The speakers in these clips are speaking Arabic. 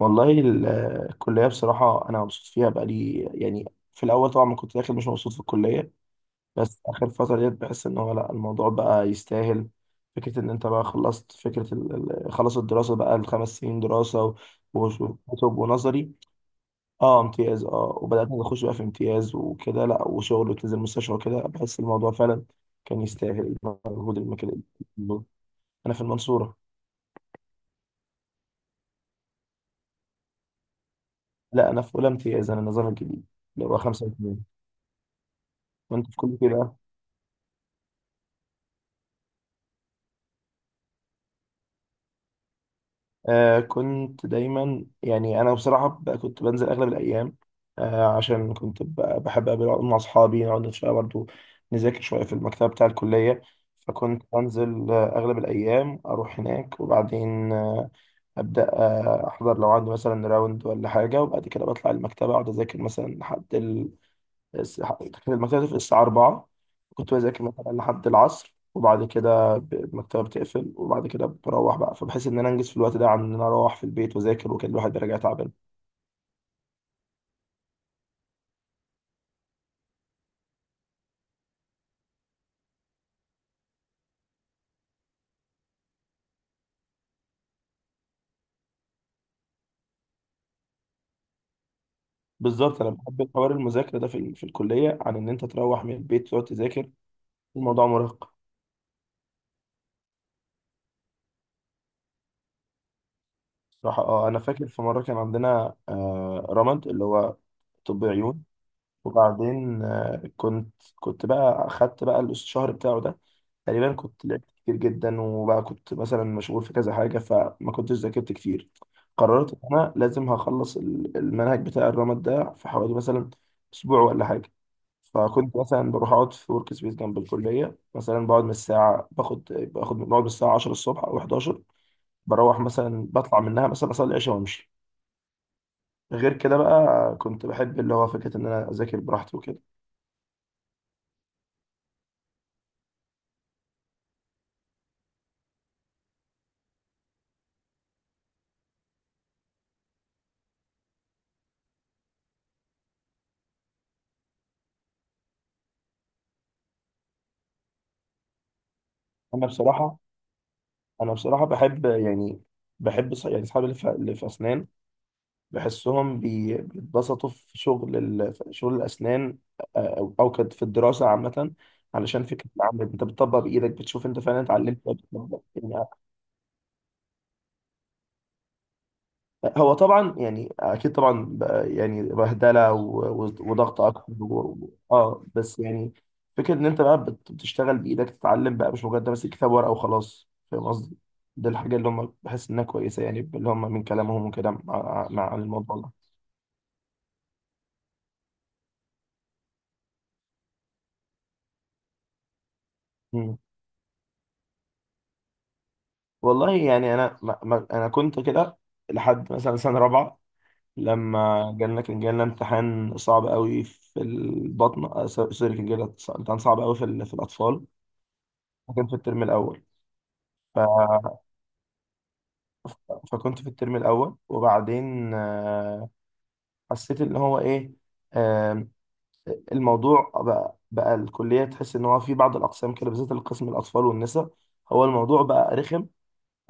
والله الكلية بصراحة أنا مبسوط فيها بقالي يعني. في الأول طبعا ما كنت داخل، مش مبسوط في الكلية، بس آخر فترة ديت بحس إن هو لأ، الموضوع بقى يستاهل. فكرة إن أنت بقى خلصت، فكرة خلص الدراسة بقى، ال5 سنين دراسة وكتب ونظري. أه، امتياز، أه، وبدأت أخش بقى في امتياز وكده، لأ، وشغل وتنزل المستشفى وكده، بحس الموضوع فعلا كان يستاهل المجهود، المكان. أنا في المنصورة. لأ أنا في أولى امتياز، أنا النظام الجديد اللي هو 5 و2. وأنت في كل كده؟ كنت دايما يعني انا بصراحه كنت بنزل اغلب الايام، عشان كنت بحب اقابل أقعد مع اصحابي نقعد شويه برضو، نذاكر شويه في المكتبه بتاع الكليه. فكنت بنزل اغلب الايام اروح هناك، وبعدين ابدا احضر لو عندي مثلا راوند ولا حاجه، وبعد كده بطلع المكتبه اقعد اذاكر مثلا لحد الس- كان المكتبة بتقفل الساعة 4. كنت بذاكر مثلا لحد العصر وبعد كده المكتبة بتقفل، وبعد كده بروح بقى، فبحس إن أنا أنجز في الوقت ده، عن إن أنا أروح في البيت وأذاكر، وكان الواحد بيرجع تعبان. بالظبط، أنا بحب حوار المذاكرة ده في الكلية، عن إن أنت تروح من البيت تقعد تذاكر، الموضوع مرهق. صراحة أنا فاكر في مرة كان عندنا رمد، اللي هو طب عيون. وبعدين كنت بقى أخدت بقى الشهر بتاعه ده، تقريبا كنت لعبت كتير جدا، وبقى كنت مثلا مشغول في كذا حاجة فما كنتش ذاكرت كتير. قررت إن أنا لازم هخلص المنهج بتاع الرمد ده في حوالي مثلا أسبوع ولا حاجة. فكنت مثلا بروح أقعد في ورك سبيس جنب الكلية، مثلا بقعد من الساعة باخد باخد بقعد من الساعة 10 الصبح أو 11، بروح مثلا بطلع منها مثلا أصلي العشاء وأمشي. غير كده بقى كنت بحب اللي هو فكرة إن أنا أذاكر براحتي وكده. أنا بصراحة أنا بصراحة بحب يعني بحب يعني أصحابي اللي في أسنان، بحسهم بيتبسطوا في شغل الأسنان، أو كانت في الدراسة عامة، علشان فكرة العمل أنت بتطبق بإيدك، بتشوف أنت فعلا اتعلمت ولا بتطبق. إيه. يعني هو طبعا، يعني أكيد طبعا يعني بهدلة وضغط أكتر و- و- أه بس يعني فكرة إن أنت بقى بتشتغل بإيدك تتعلم بقى، مش مجرد ماسك كتاب ورقة وخلاص، فاهم قصدي؟ دي الحاجة اللي هم بحس إنها كويسة، يعني اللي هم من كلامهم وكده مع عن الموضوع ده. والله يعني انا ما انا كنت كده لحد مثلا سنه رابعه، لما جالنا امتحان صعب قوي في البطن، سوري، كان جالنا امتحان صعب قوي في الاطفال. كان في الترم الاول. ف... فكنت في الترم الاول وبعدين حسيت ان هو ايه، آه، الموضوع بقى، الكليه تحس ان هو في بعض الاقسام كده، بالذات القسم الاطفال والنساء، هو الموضوع بقى رخم،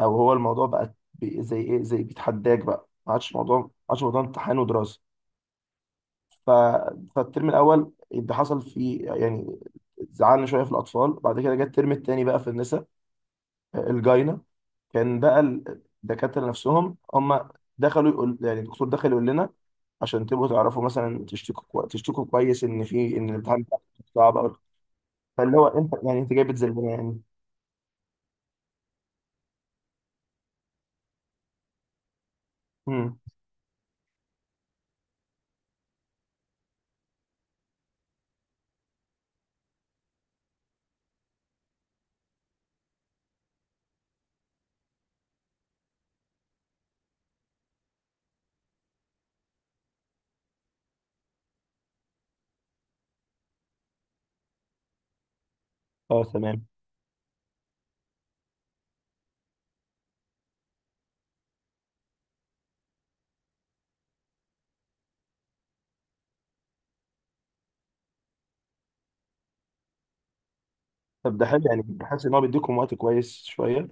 او هو الموضوع بقى زي ايه، زي بيتحداك بقى، ما عادش موضوع امتحان ودراسه. ف... فالترم الاول اللي حصل فيه يعني زعلنا شويه في الاطفال، بعد كده جه الترم الثاني بقى في النساء الجاينه، كان بقى الدكاتره نفسهم هم دخلوا يقول، يعني الدكتور دخل يقول لنا عشان تبقوا تعرفوا مثلا تشتكوا تشتكوا كويس ان في، ان الامتحان بتاعكم صعب قوي. فاللي هو انت يعني، انت جاي بتذلنا يعني؟ امم اه تمام. طب ده حلو، يعني بحس ان هو بيديكم وقت كويس شويه.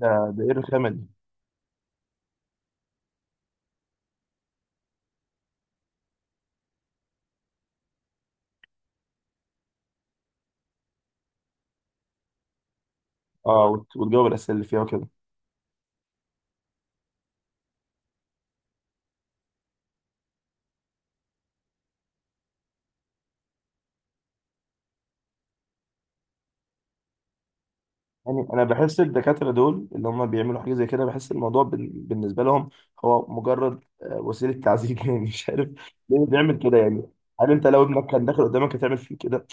ده ده ايه الرخامه دي؟ اه وتجاوب الاسئله اللي فيها وكده. يعني انا بحس الدكاتره دول اللي هم بيعملوا حاجه زي كده، بحس الموضوع بالنسبه لهم هو مجرد وسيله تعذيب يعني، مش عارف ليه بيعمل كده يعني. هل انت لو ابنك كان داخل قدامك هتعمل فيه كده؟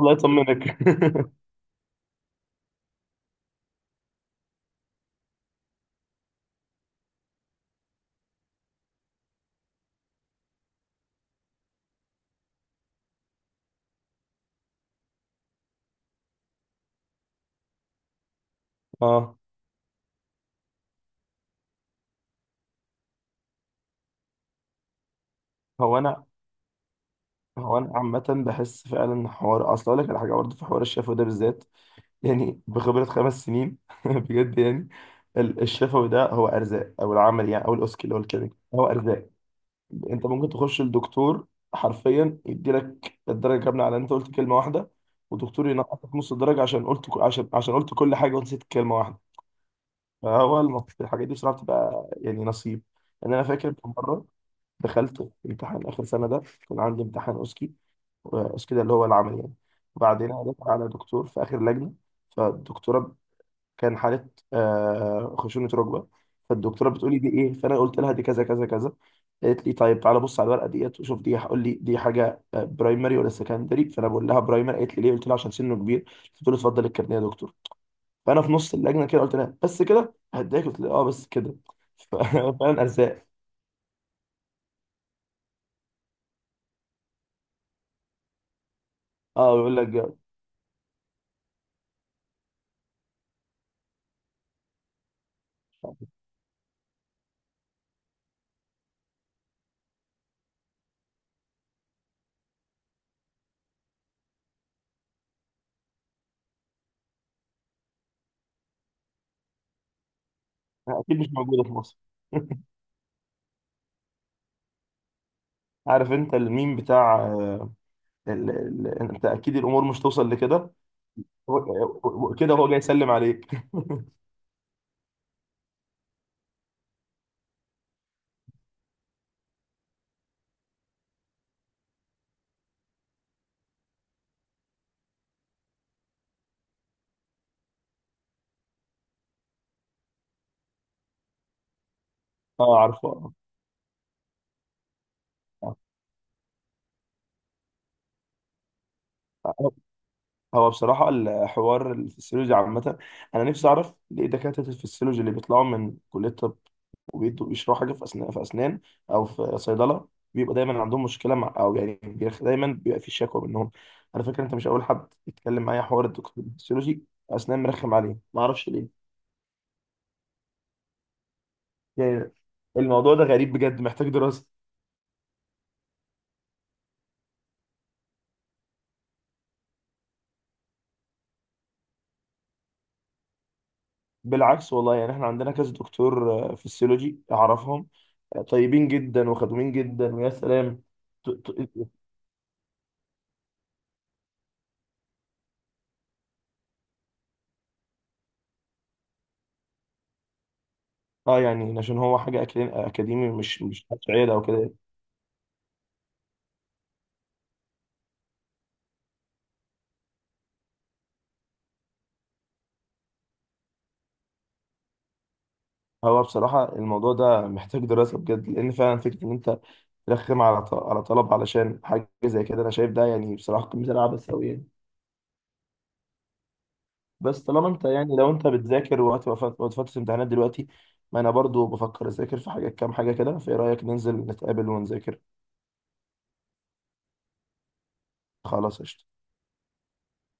الله يطمنك. اه. هو انا هو انا عامه بحس فعلا حوار، اصل اقول لك على حاجه برضه في حوار الشفوي ده بالذات، يعني بخبره 5 سنين بجد يعني. الشفوي ده هو ارزاق، او العمل يعني، او الاسكي اللي هو الكلمه، هو ارزاق. انت ممكن تخش لدكتور حرفيا يديلك الدرجه كامله على ان انت قلت كلمه واحده، ودكتور ينقصك نص الدرجه عشان قلت كل حاجه ونسيت كلمه واحده. فهو الحاجات دي بصراحه بتبقى يعني نصيب. يعني انا فاكر في مره دخلت امتحان اخر سنه ده، كان عندي امتحان اوسكي، اوسكي ده اللي هو العمل يعني. وبعدين انا داخل على دكتور في اخر لجنه، فالدكتوره كان حالة خشونة ركبة، فالدكتورة بتقولي دي إيه؟ فأنا قلت لها دي كذا كذا كذا، قالت لي طيب تعالى بص على الورقة ديت وشوف، دي هقول لي دي حاجة برايمري ولا سكندري؟ فأنا بقول لها برايمري، قالت لي ليه؟ قلت لها عشان سنه كبير. بتقول لي اتفضل الكارنيه يا دكتور. فأنا في نص اللجنة كده قلت لها بس كده؟ هداك قلت لها اه بس كده. ف- فعلا أرزاق. اه بيقول لك جاوب. أكيد مش موجودة في مصر. عارف انت الميم بتاع انت اكيد الامور مش توصل لكده. كده هو جاي يسلم عليك. اه، عارفه. آه. هو هو بصراحة الحوار الفسيولوجي عامة، أنا نفسي أعرف ليه دكاترة الفسيولوجي اللي بيطلعوا من كلية طب، وبيدوا بيشرحوا حاجة في أسنان، أو في صيدلة، بيبقى دايما عندهم مشكلة مع، دايما بيبقى في شكوى منهم. على فكرة أنت مش أول حد يتكلم معايا حوار الدكتور الفسيولوجي أسنان، مرخم عليه معرفش ليه. يعني الموضوع ده غريب بجد، محتاج دراسة. بالعكس والله، يعني احنا عندنا كذا دكتور فسيولوجي اعرفهم طيبين جدا وخدومين جدا ويا سلام. ت- ت- اه، يعني عشان هو حاجه اكاديمي، مش حاجة شعيره او كده. هو بصراحه الموضوع ده محتاج دراسه بجد، لان فعلا فكره ان انت ترخم على طلب علشان حاجه زي كده، انا شايف ده يعني بصراحه قمه العبث قوي يعني. بس طالما انت يعني لو انت بتذاكر وقت وقت وقت فتره امتحانات دلوقتي، ما انا برضو بفكر اذاكر في حاجه، كام حاجه كده، فايه رايك ننزل نتقابل ونذاكر؟ خلاص قشطه.